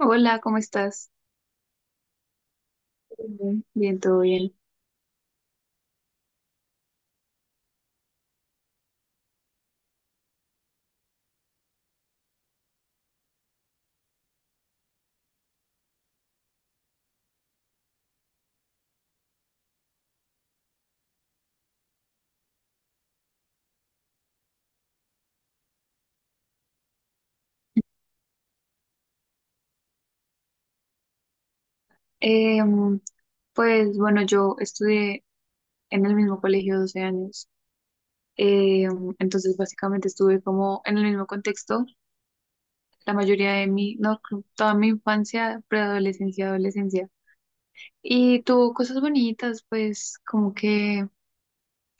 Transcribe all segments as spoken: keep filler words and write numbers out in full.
Hola, ¿cómo estás? Bien, bien, todo bien. Em, pues bueno, yo estudié en el mismo colegio doce años. Em, entonces básicamente estuve como en el mismo contexto la mayoría de mi, no, creo, toda mi infancia, preadolescencia, adolescencia. Y tuvo cosas bonitas, pues como que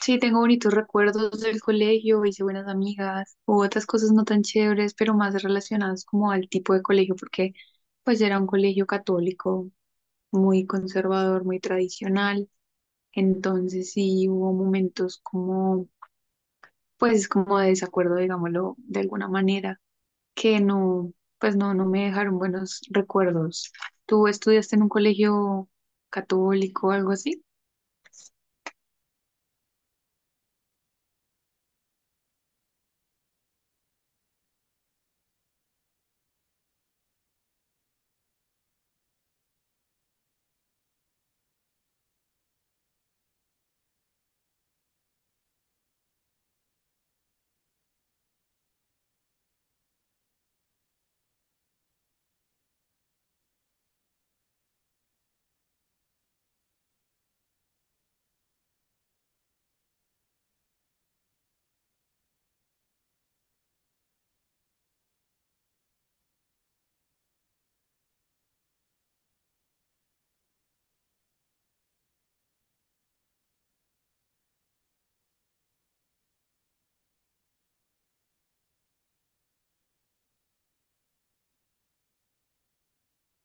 sí, tengo bonitos recuerdos del colegio, hice buenas amigas, hubo otras cosas no tan chéveres, pero más relacionadas como al tipo de colegio, porque pues era un colegio católico muy conservador, muy tradicional. Entonces sí hubo momentos como, pues como de desacuerdo, digámoslo, de alguna manera, que no, pues no, no me dejaron buenos recuerdos. ¿Tú estudiaste en un colegio católico o algo así?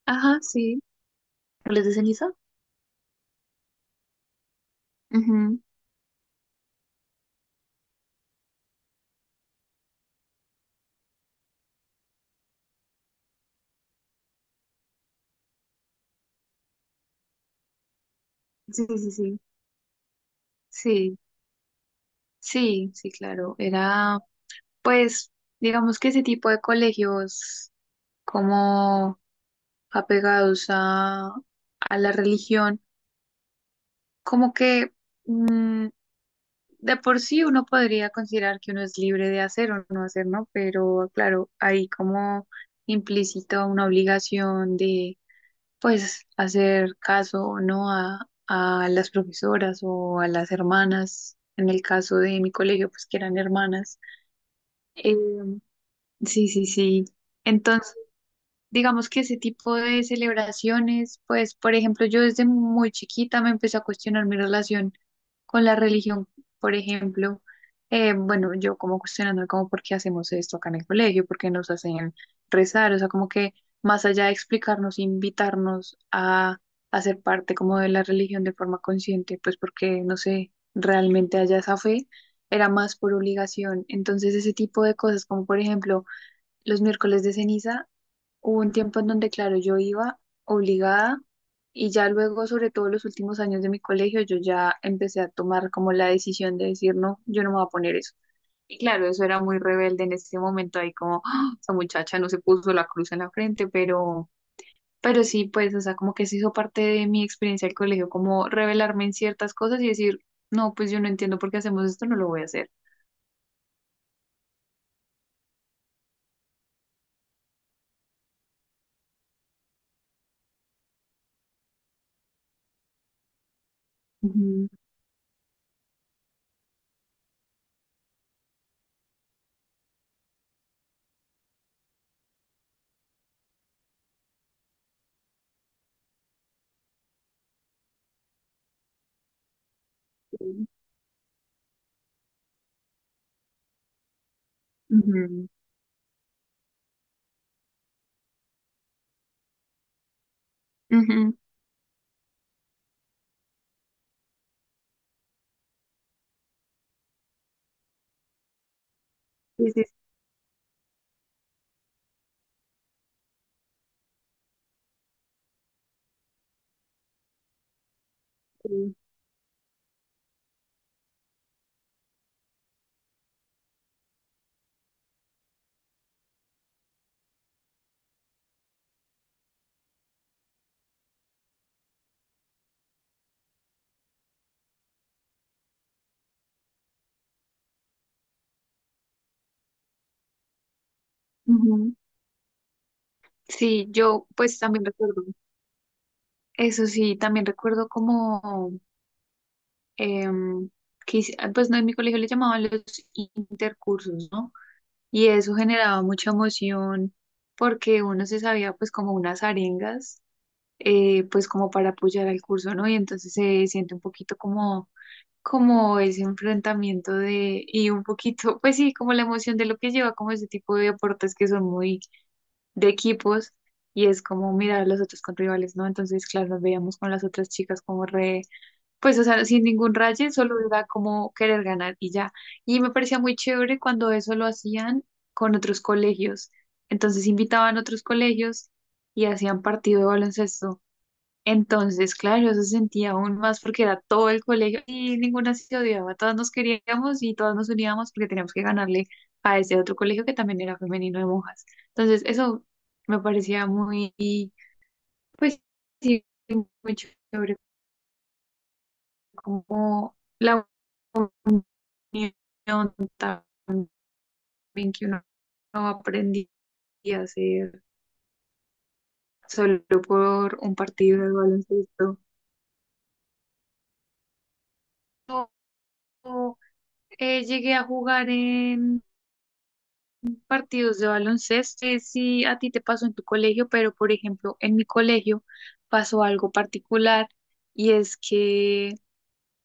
Ajá, sí. ¿Les de ceniza? Ujú. Sí, sí, sí. Sí, sí, sí, claro. Era, pues, digamos que ese tipo de colegios como apegados a, a, la religión. Como que mm, de por sí uno podría considerar que uno es libre de hacer o no hacer, ¿no? Pero claro, hay como implícito una obligación de, pues, hacer caso o no a, a las profesoras o a las hermanas, en el caso de mi colegio, pues que eran hermanas. Em, sí, sí, sí. Digamos que ese tipo de celebraciones, pues, por ejemplo, yo desde muy chiquita me empecé a cuestionar mi relación con la religión, por ejemplo, eh, bueno, yo como cuestionando como por qué hacemos esto acá en el colegio, por qué nos hacen rezar, o sea, como que más allá de explicarnos, invitarnos a, hacer ser parte como de la religión de forma consciente, pues porque, no sé, realmente haya esa fe, era más por obligación. Entonces, ese tipo de cosas, como por ejemplo, los miércoles de ceniza. Hubo un tiempo en donde, claro, yo iba obligada y ya luego, sobre todo los últimos años de mi colegio, yo ya empecé a tomar como la decisión de decir, no, yo no me voy a poner eso. Y claro, eso era muy rebelde en ese momento, ahí como, "Ah, esa muchacha no se puso la cruz en la frente", pero, pero sí, pues, o sea, como que se hizo parte de mi experiencia del colegio, como revelarme en ciertas cosas y decir, no, pues yo no entiendo por qué hacemos esto, no lo voy a hacer. Ujú, sí, ujú, ujú, sí, sí, sí, ujú. Sí, yo pues también recuerdo, eso sí, también recuerdo como em, que hice- ah, pues no, en mi colegio le llamaban los intercursos, ¿no? Y eso generaba mucha emoción porque uno se sabía pues como unas arengas, eh, pues como para apoyar al curso, ¿no? Y entonces se siente un poquito como, como ese enfrentamiento de, y un poquito, pues sí, como la emoción de lo que lleva como ese tipo de deportes que son muy de equipos y es como mirar a los otros con rivales, ¿no? Entonces, claro, nos veíamos con las otras chicas como re, pues, o sea, sin ningún raye, solo era como querer ganar y ya. Y me parecía muy chévere cuando eso lo hacían con otros colegios. Entonces, invitaban a otros colegios y hacían partido de baloncesto. Entonces, claro, eso se sentía aún más porque era todo el colegio y ninguna se odiaba, todas nos queríamos y todas nos uníamos porque teníamos que ganarle a ese otro colegio que también era femenino de monjas. Entonces, eso me parecía muy, pues sí, muy chévere, como la unión también que uno no aprendía a hacer solo por un partido de baloncesto. Yo, eh, llegué a jugar en partidos de baloncesto, sé si a ti te pasó en tu colegio, pero por ejemplo, en mi colegio pasó algo particular y es que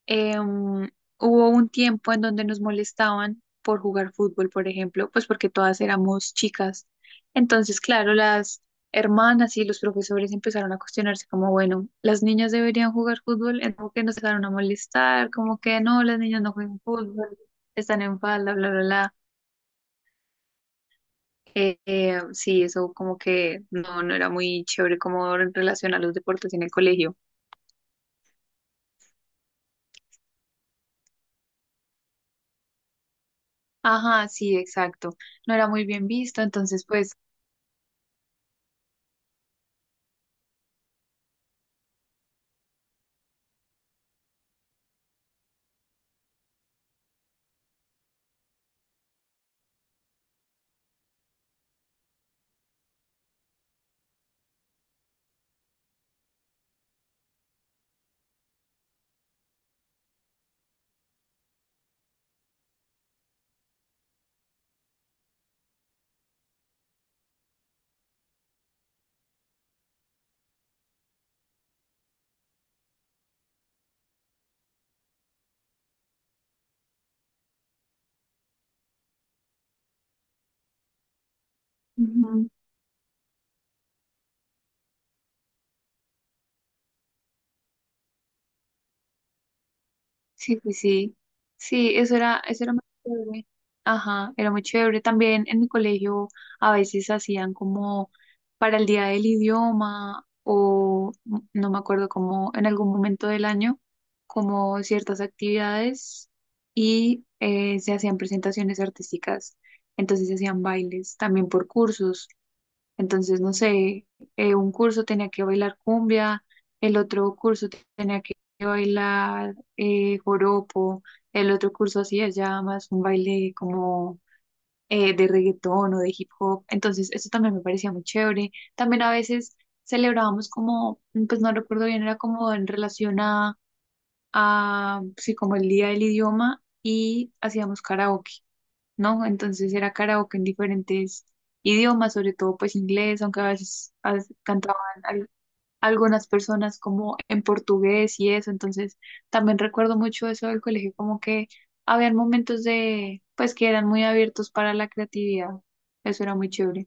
em, hubo un tiempo en donde nos molestaban por jugar fútbol, por ejemplo, pues porque todas éramos chicas. Entonces, claro, las hermanas y los profesores empezaron a cuestionarse como, bueno, las niñas deberían jugar fútbol, en como que nos empezaron a molestar, como que no, las niñas no juegan fútbol, están en falda, bla, bla, bla. Eh, eh, sí, eso como que no, no era muy chévere como en relación a los deportes en el colegio. Ajá, sí, exacto. No era muy bien visto, entonces pues, ujú, sí, sí, sí. Sí, eso era, eso era muy chévere. Ajá, era muy chévere. También en mi colegio a veces hacían como para el día del idioma o mm, no me acuerdo como en algún momento del año, como ciertas actividades y eh, se hacían presentaciones artísticas. Entonces se hacían bailes también por cursos. Entonces, no sé, eh, un curso tenía que bailar cumbia, el otro curso te- tenía que bailar eh, joropo, el otro curso hacía ya más un baile como eh, de reggaetón o de hip hop. Entonces, eso también me parecía muy chévere. También a veces celebrábamos como, mm, pues no recuerdo bien, era como en relación a, a, sí, como el día del idioma y hacíamos karaoke. ¿No? Entonces era karaoke en diferentes idiomas, sobre todo pues inglés, aunque a veces, a veces cantaban al- algunas personas como en portugués y eso, entonces también recuerdo mucho eso del colegio, como que habían momentos de, pues que eran muy abiertos para la creatividad, eso era muy chévere.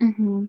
Ujú.